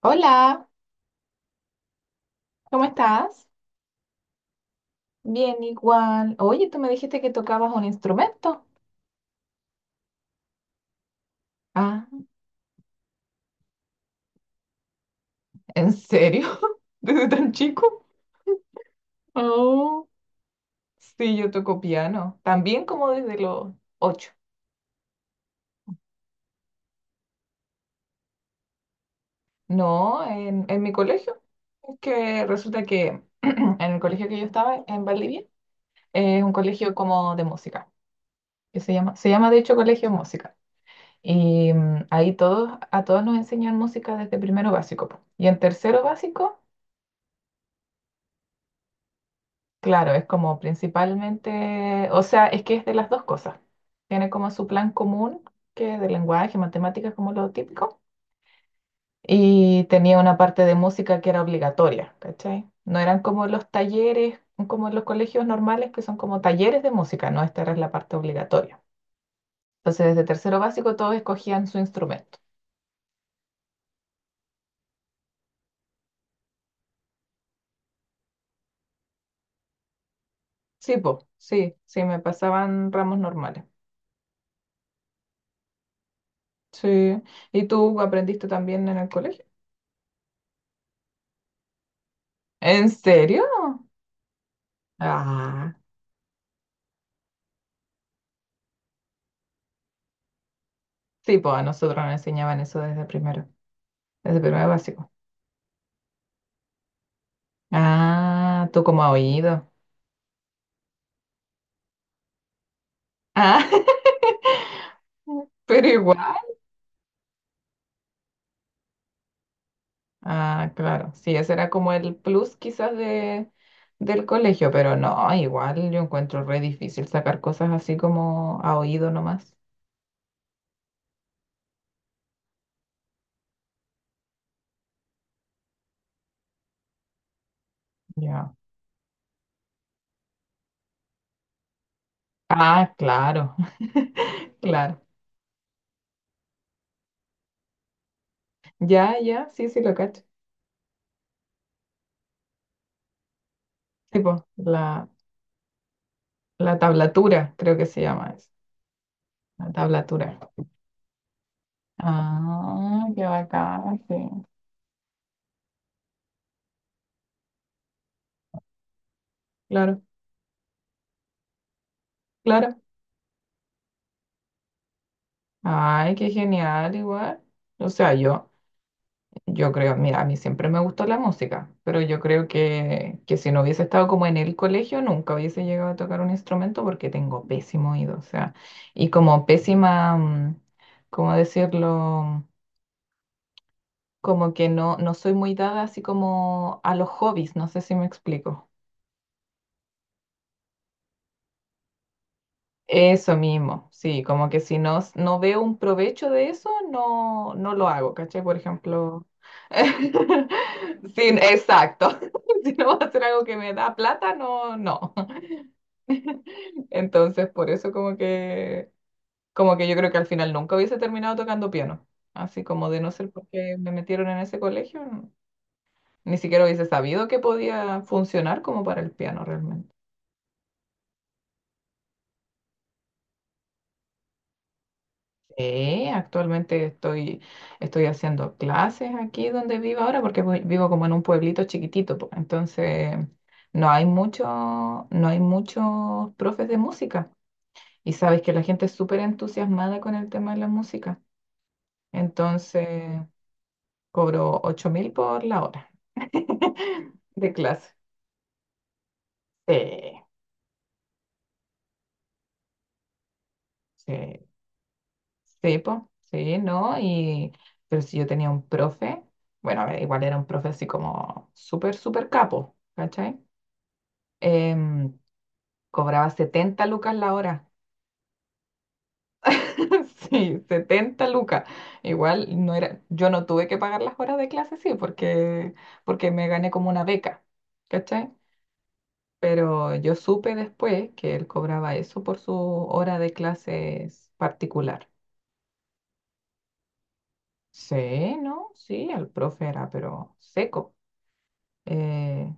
Hola, ¿cómo estás? Bien, igual. Oye, tú me dijiste que tocabas un instrumento. Ah, ¿en serio? ¿Desde tan chico? Oh, sí, yo toco piano. También como desde los 8. No, en mi colegio. Es que resulta que en el colegio que yo estaba, en Valdivia, es un colegio como de música, que se llama de hecho Colegio de Música. Y ahí a todos nos enseñan música desde primero básico, po. Y en tercero básico. Claro, es como principalmente, o sea, es que es de las dos cosas. Tiene como su plan común, que es de lenguaje, matemáticas, como lo típico, y tenía una parte de música que era obligatoria, ¿cachai? No eran como los talleres, como los colegios normales, que son como talleres de música, no, esta era la parte obligatoria. Entonces, desde tercero básico todos escogían su instrumento. Sí, po, sí, sí, me pasaban ramos normales. Sí, ¿y tú aprendiste también en el colegio? ¿En serio? Ah, sí, pues a nosotros nos enseñaban eso desde primero básico. Ah, tú como a oído. Ah, pero igual. Ah, claro. Sí, ese era como el plus quizás del colegio, pero no, igual yo encuentro re difícil sacar cosas así como a oído nomás. Ya. Ah, claro, claro. Ya, ya, sí, sí, lo cacho. Tipo, la tablatura, creo que se llama eso. La tablatura. Ah, qué bacán, sí. Claro. Claro. Ay, qué genial, igual. O sea, yo creo, mira, a mí siempre me gustó la música, pero yo creo que si no hubiese estado como en el colegio, nunca hubiese llegado a tocar un instrumento porque tengo pésimo oído, o sea, y como pésima, ¿cómo decirlo? Como que no, no soy muy dada así como a los hobbies, no sé si me explico. Eso mismo, sí, como que si no, no veo un provecho de eso, no, no lo hago, ¿cachai? Por ejemplo, sí, exacto, si no va a ser algo que me da plata, no, no. Entonces, por eso como que yo creo que al final nunca hubiese terminado tocando piano, así como de no ser porque me metieron en ese colegio, ni siquiera hubiese sabido que podía funcionar como para el piano realmente. Sí, actualmente estoy haciendo clases aquí donde vivo ahora porque vivo como en un pueblito chiquitito, po. Entonces no hay muchos profes de música y sabes que la gente es súper entusiasmada con el tema de la música. Entonces cobro 8.000 por la hora de clase. Sí, sí. Sí, po, sí, ¿no? Pero si yo tenía un profe, bueno, a ver, igual era un profe así como súper, súper capo, ¿cachai? Em, cobraba 70 lucas la hora. Sí, 70 lucas. Igual no era, yo no tuve que pagar las horas de clase, sí, porque me gané como una beca, ¿cachai? Pero yo supe después que él cobraba eso por su hora de clases particular. Sí, ¿no? Sí, el profe era, pero seco. Eh,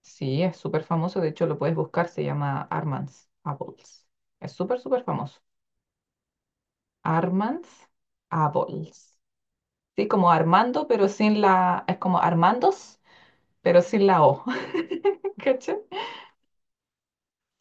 sí, es súper famoso. De hecho, lo puedes buscar. Se llama Armands Apples. Es súper, súper famoso. Armands Apples. Sí, como Armando, pero sin la... Es como Armandos, pero sin la O. ¿Cachai?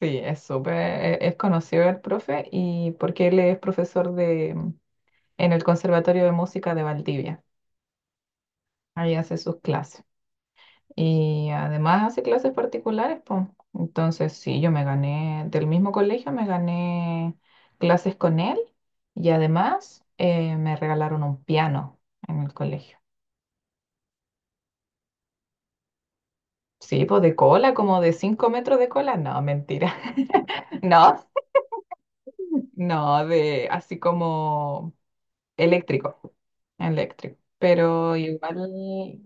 Sí, es conocido el profe y porque él es profesor en el Conservatorio de Música de Valdivia. Ahí hace sus clases. Y además hace clases particulares, pues. Entonces, sí, del mismo colegio me gané clases con él y además me regalaron un piano en el colegio. Sí, pues de cola, como de 5 metros de cola. No, mentira. No, no, de así como eléctrico, eléctrico. Pero igual,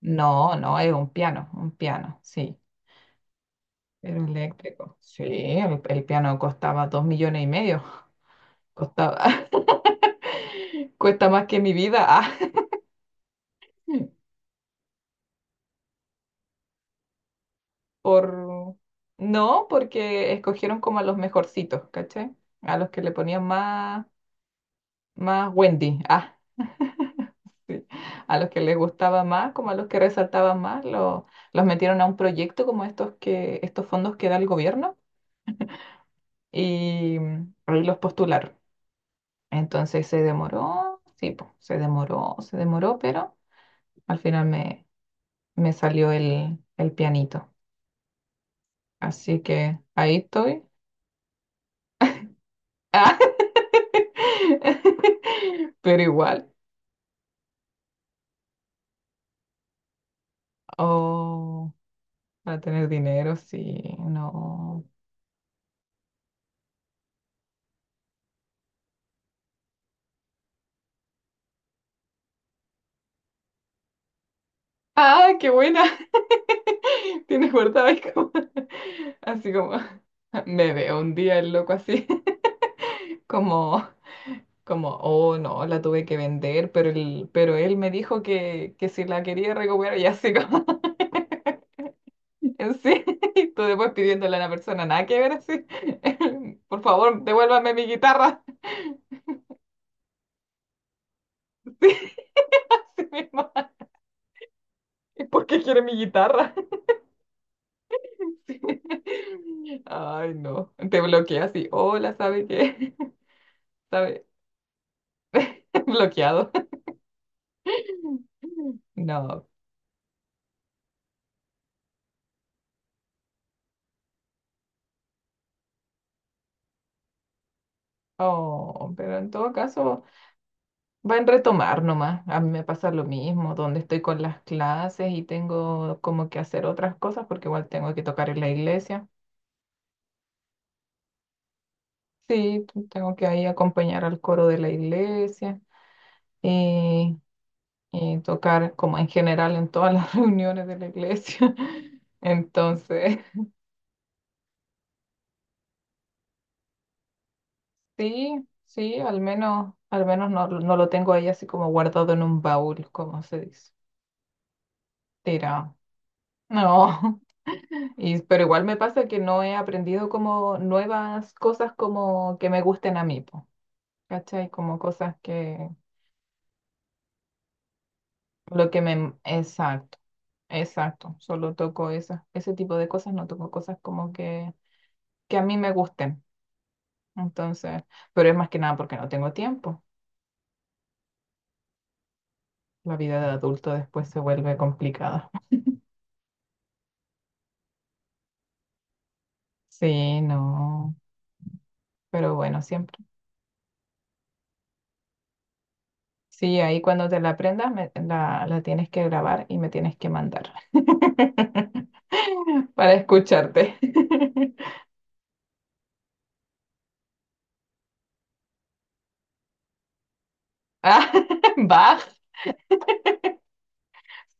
no, no, es un piano, sí. Era eléctrico. Sí, el piano costaba 2,5 millones. Costaba- Cuesta más que mi vida. Ah. por... No, porque escogieron como a los mejorcitos, ¿cachai? A los que le ponían más, más Wendy. Ah, sí. A los que les gustaba más, como a los que resaltaban más, los metieron a un proyecto como estos estos fondos que da el gobierno y ahí los postularon. Entonces se demoró, sí, po, se demoró, pero al final me salió el pianito. Así que ahí estoy. Pero igual, oh, para tener dinero, sí, no. ¡Ah, qué buena! Tienes guardado ahí así como, me veo un día el loco así, como, como, oh, no, la tuve que vender, pero él me dijo que si la quería recuperar y así como, en sí, y tú después pidiéndole a una persona nada que ver así, por favor, devuélvame mi guitarra. Sí. Sí, mi hermana. ¿Por qué quiere mi guitarra? Sí. Ay, no. Te bloquea así. Hola, ¿sabe qué? ¿Sabe? Bloqueado. No. Oh, pero en todo caso, va en retomar nomás. A mí me pasa lo mismo, donde estoy con las clases y tengo como que hacer otras cosas, porque igual tengo que tocar en la iglesia. Sí, tengo que ahí acompañar al coro de la iglesia, y tocar como en general en todas las reuniones de la iglesia. Entonces, sí, sí, al menos no, no lo tengo ahí así como guardado en un baúl, como se dice, tirado. No, pero igual me pasa que no he aprendido como nuevas cosas como que me gusten a mí, po, ¿cachai? Como cosas que, lo que me, exacto. Exacto, solo toco esas, ese tipo de cosas, no toco cosas como que a mí me gusten. Entonces, pero es más que nada porque no tengo tiempo. La vida de adulto después se vuelve complicada. Sí, no, pero bueno, siempre. Sí, ahí cuando te la aprendas, la tienes que grabar y me tienes que mandar para escucharte. Ah, Bach,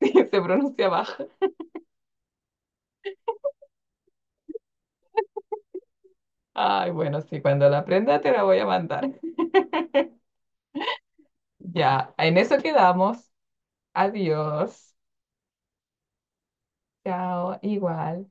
sí, se pronuncia Bach. Ay, bueno, sí, cuando la aprenda te la voy a mandar. Ya, en eso quedamos. Adiós. Chao, igual.